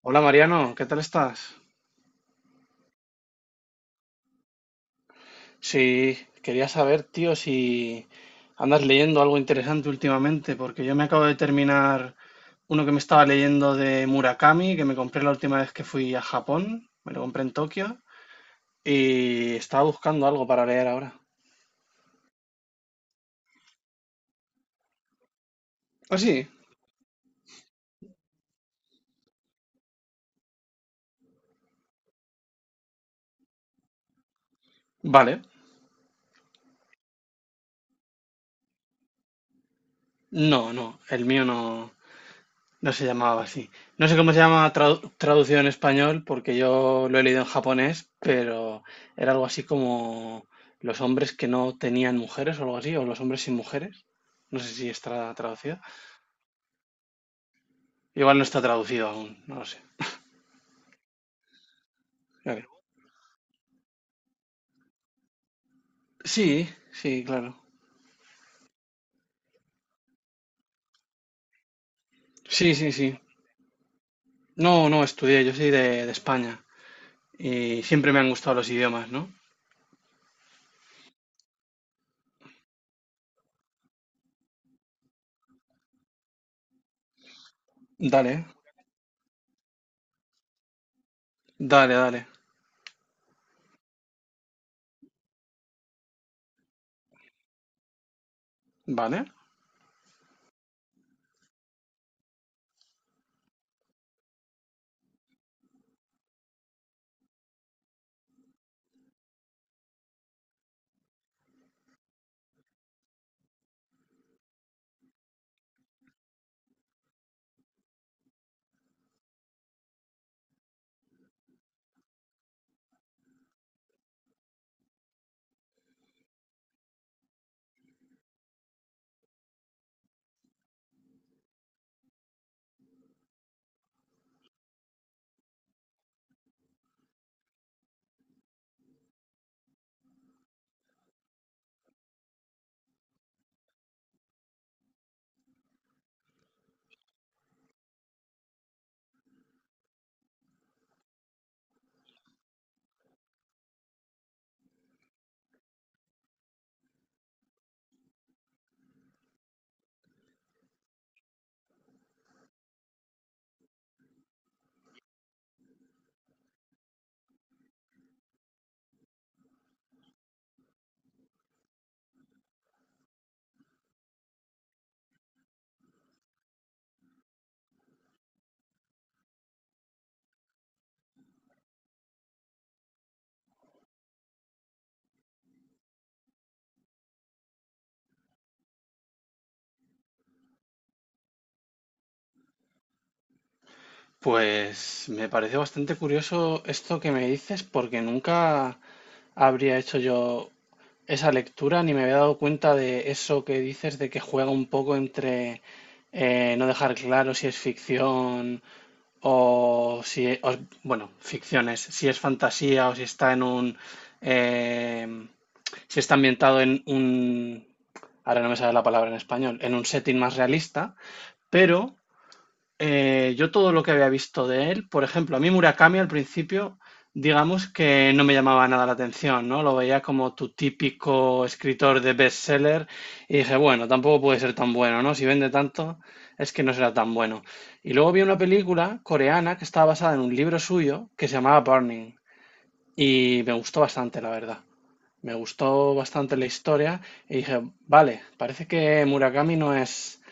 Hola Mariano, ¿qué tal estás? Sí, quería saber, tío, si andas leyendo algo interesante últimamente, porque yo me acabo de terminar uno que me estaba leyendo de Murakami, que me compré la última vez que fui a Japón, me lo compré en Tokio, y estaba buscando algo para leer ahora. ¿Ah, sí? Vale. No, no, el mío no, no se llamaba así. No sé cómo se llama traducido en español, porque yo lo he leído en japonés, pero era algo así como los hombres que no tenían mujeres o algo así, o los hombres sin mujeres. No sé si está traducido. Igual no está traducido aún, no lo sé. A ver. Sí, sí, claro. Sí, sí, sí. No, no estudié, yo soy de España y siempre me han gustado los idiomas, ¿no? Dale, dale, dale. Vale. Pues me parece bastante curioso esto que me dices porque nunca habría hecho yo esa lectura ni me había dado cuenta de eso que dices de que juega un poco entre no dejar claro si es ficción o si, bueno, ficciones, si es fantasía o si está en un, em, si está ambientado en un, ahora no me sale la palabra en español, en un setting más realista, pero yo todo lo que había visto de él, por ejemplo, a mí Murakami al principio, digamos que no me llamaba nada la atención, ¿no? Lo veía como tu típico escritor de bestseller y dije, bueno, tampoco puede ser tan bueno, ¿no? Si vende tanto, es que no será tan bueno. Y luego vi una película coreana que estaba basada en un libro suyo que se llamaba Burning y me gustó bastante, la verdad. Me gustó bastante la historia y dije, vale, parece que Murakami no es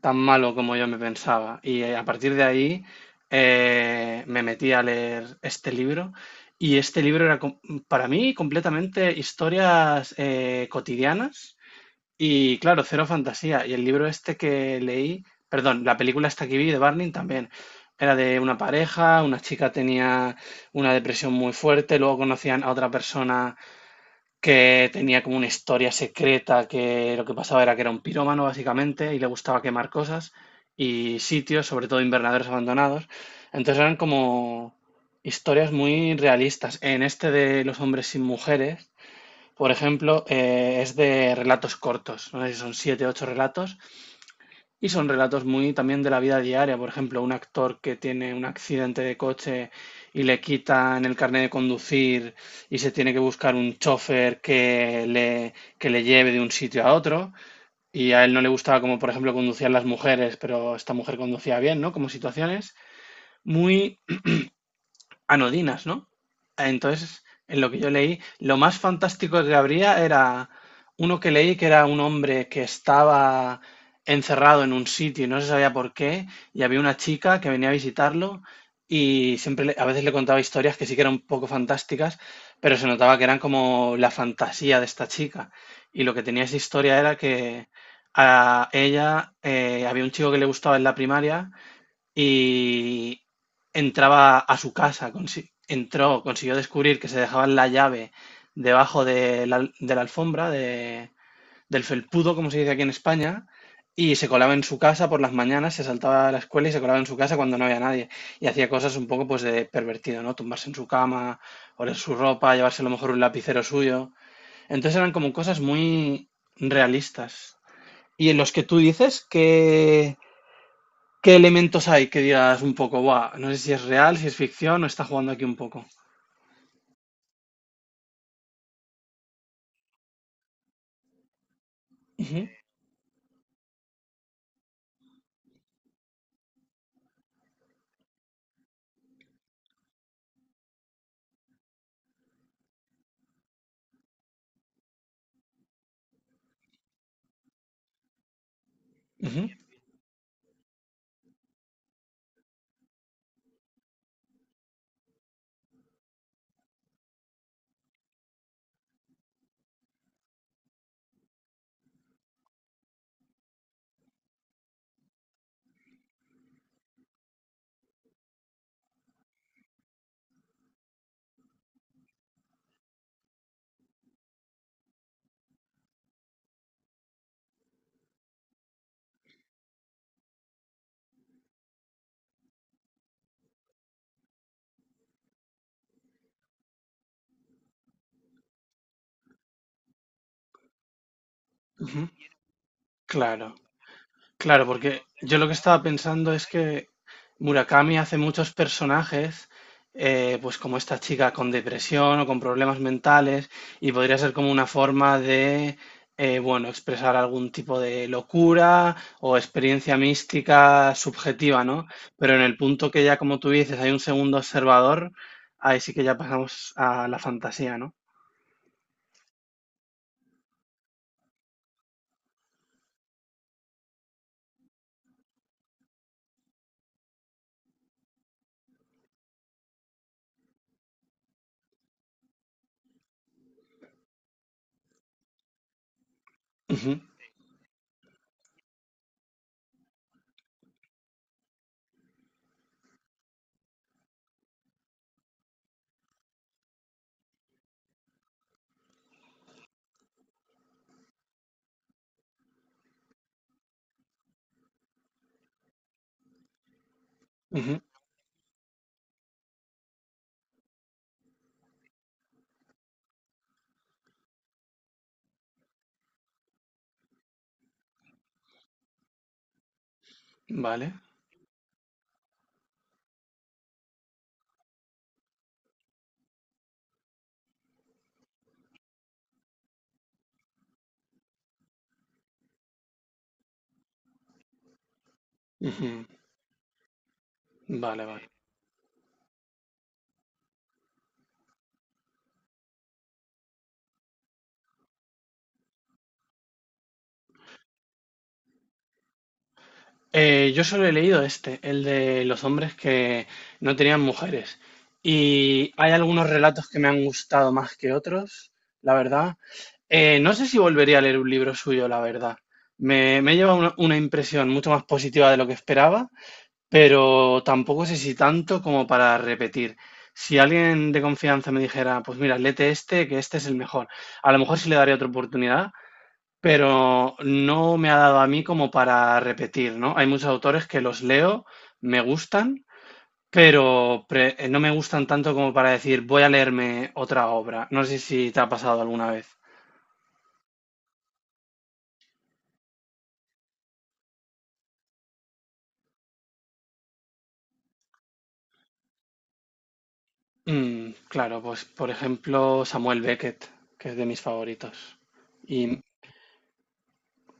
tan malo como yo me pensaba. Y a partir de ahí me metí a leer este libro. Y este libro era para mí completamente historias cotidianas y claro, cero fantasía. Y el libro este que leí, perdón, la película esta que vi de Barney también. Era de una pareja, una chica tenía una depresión muy fuerte, luego conocían a otra persona que tenía como una historia secreta, que lo que pasaba era que era un pirómano básicamente y le gustaba quemar cosas y sitios, sobre todo invernaderos abandonados. Entonces eran como historias muy realistas. En este de Los hombres sin mujeres, por ejemplo, es de relatos cortos, no sé si son siete, o ocho relatos y son relatos muy también de la vida diaria, por ejemplo, un actor que tiene un accidente de coche y le quitan el carnet de conducir y se tiene que buscar un chofer que le lleve de un sitio a otro. Y a él no le gustaba como, por ejemplo, conducían las mujeres, pero esta mujer conducía bien, ¿no? Como situaciones muy anodinas, ¿no? Entonces, en lo que yo leí, lo más fantástico que habría era uno que leí que era un hombre que estaba encerrado en un sitio y no se sabía por qué, y había una chica que venía a visitarlo y a veces le contaba historias que sí que eran un poco fantásticas, pero se notaba que eran como la fantasía de esta chica. Y lo que tenía esa historia era que a ella había un chico que le gustaba en la primaria y entraba a su casa, entró, consiguió descubrir que se dejaban la llave debajo de la alfombra, del felpudo, como se dice aquí en España, y se colaba en su casa por las mañanas, se saltaba a la escuela y se colaba en su casa cuando no había nadie. Y hacía cosas un poco pues de pervertido, ¿no? Tumbarse en su cama, oler su ropa, llevarse a lo mejor un lapicero suyo. Entonces eran como cosas muy realistas. Y en los que tú dices que ¿qué elementos hay que digas un poco, buah, no sé si es real, si es ficción o está jugando aquí un poco? Ujú, ujú, ujú. Claro. Claro, porque yo lo que estaba pensando es que Murakami hace muchos personajes, pues como esta chica con depresión o con problemas mentales, y podría ser como una forma de, bueno, expresar algún tipo de locura o experiencia mística subjetiva, ¿no? Pero en el punto que ya, como tú dices, hay un segundo observador, ahí sí que ya pasamos a la fantasía, ¿no? Ujú, ujú, vale, ujú, vale, vale. Yo solo he leído este, el de los hombres que no tenían mujeres. Y hay algunos relatos que me han gustado más que otros, la verdad. No sé si volvería a leer un libro suyo, la verdad. Me lleva una impresión mucho más positiva de lo que esperaba, pero tampoco sé si tanto como para repetir. Si alguien de confianza me dijera, pues mira, léete este, que este es el mejor, a lo mejor sí le daría otra oportunidad, pero no me ha dado a mí como para repetir, ¿no? Hay muchos autores que los leo, me gustan, pero no me gustan tanto como para decir voy a leerme otra obra. No sé si te ha pasado alguna vez. Mm, claro, pues por ejemplo Samuel Beckett, que es de mis favoritos. Y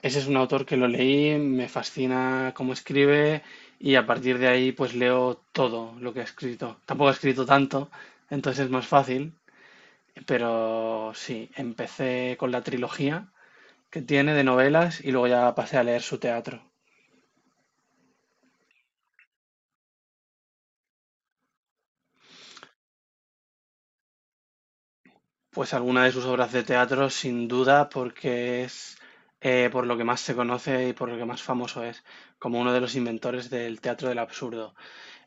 ese es un autor que lo leí, me fascina cómo escribe y a partir de ahí pues leo todo lo que ha escrito. Tampoco ha escrito tanto, entonces es más fácil, pero sí, empecé con la trilogía que tiene de novelas y luego ya pasé a leer su teatro. Pues alguna de sus obras de teatro, sin duda, porque es por lo que más se conoce y por lo que más famoso es, como uno de los inventores del teatro del absurdo.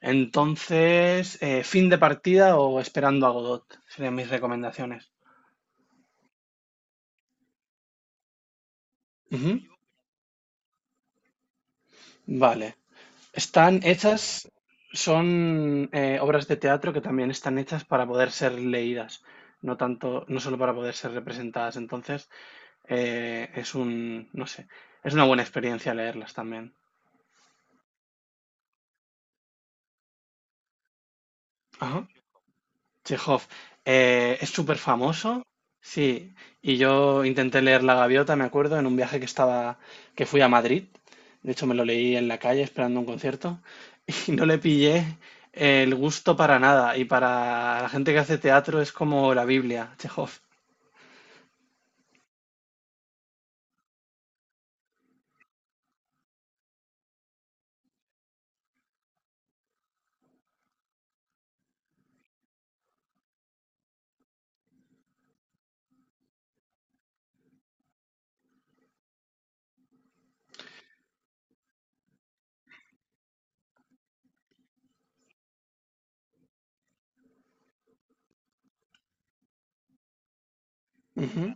Entonces, Fin de partida o Esperando a Godot serían mis recomendaciones. Ujú. Vale, están hechas, son obras de teatro que también están hechas para poder ser leídas, no tanto, no solo para poder ser representadas. Entonces, es un, no sé, es una buena experiencia leerlas también. Ajá. Chekhov, es súper famoso, sí. Y yo intenté leer La Gaviota, me acuerdo, en un viaje que estaba, que fui a Madrid. De hecho, me lo leí en la calle esperando un concierto. Y no le pillé el gusto para nada. Y para la gente que hace teatro es como la Biblia, Chekhov. Ujú,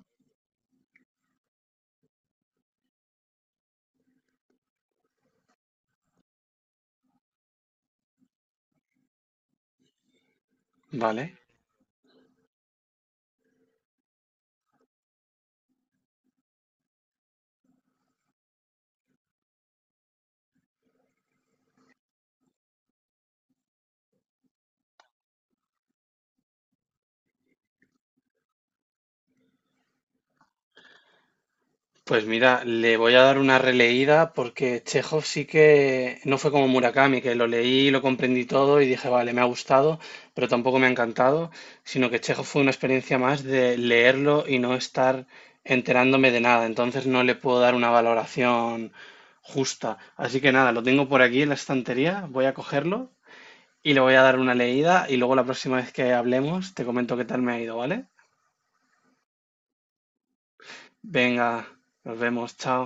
vale. Pues mira, le voy a dar una releída porque Chekhov sí que no fue como Murakami, que lo leí, lo comprendí todo y dije, vale, me ha gustado, pero tampoco me ha encantado, sino que Chekhov fue una experiencia más de leerlo y no estar enterándome de nada. Entonces no le puedo dar una valoración justa. Así que nada, lo tengo por aquí en la estantería, voy a cogerlo y le voy a dar una leída y luego la próxima vez que hablemos te comento qué tal me ha ido, ¿vale? Venga, nos vemos, chao.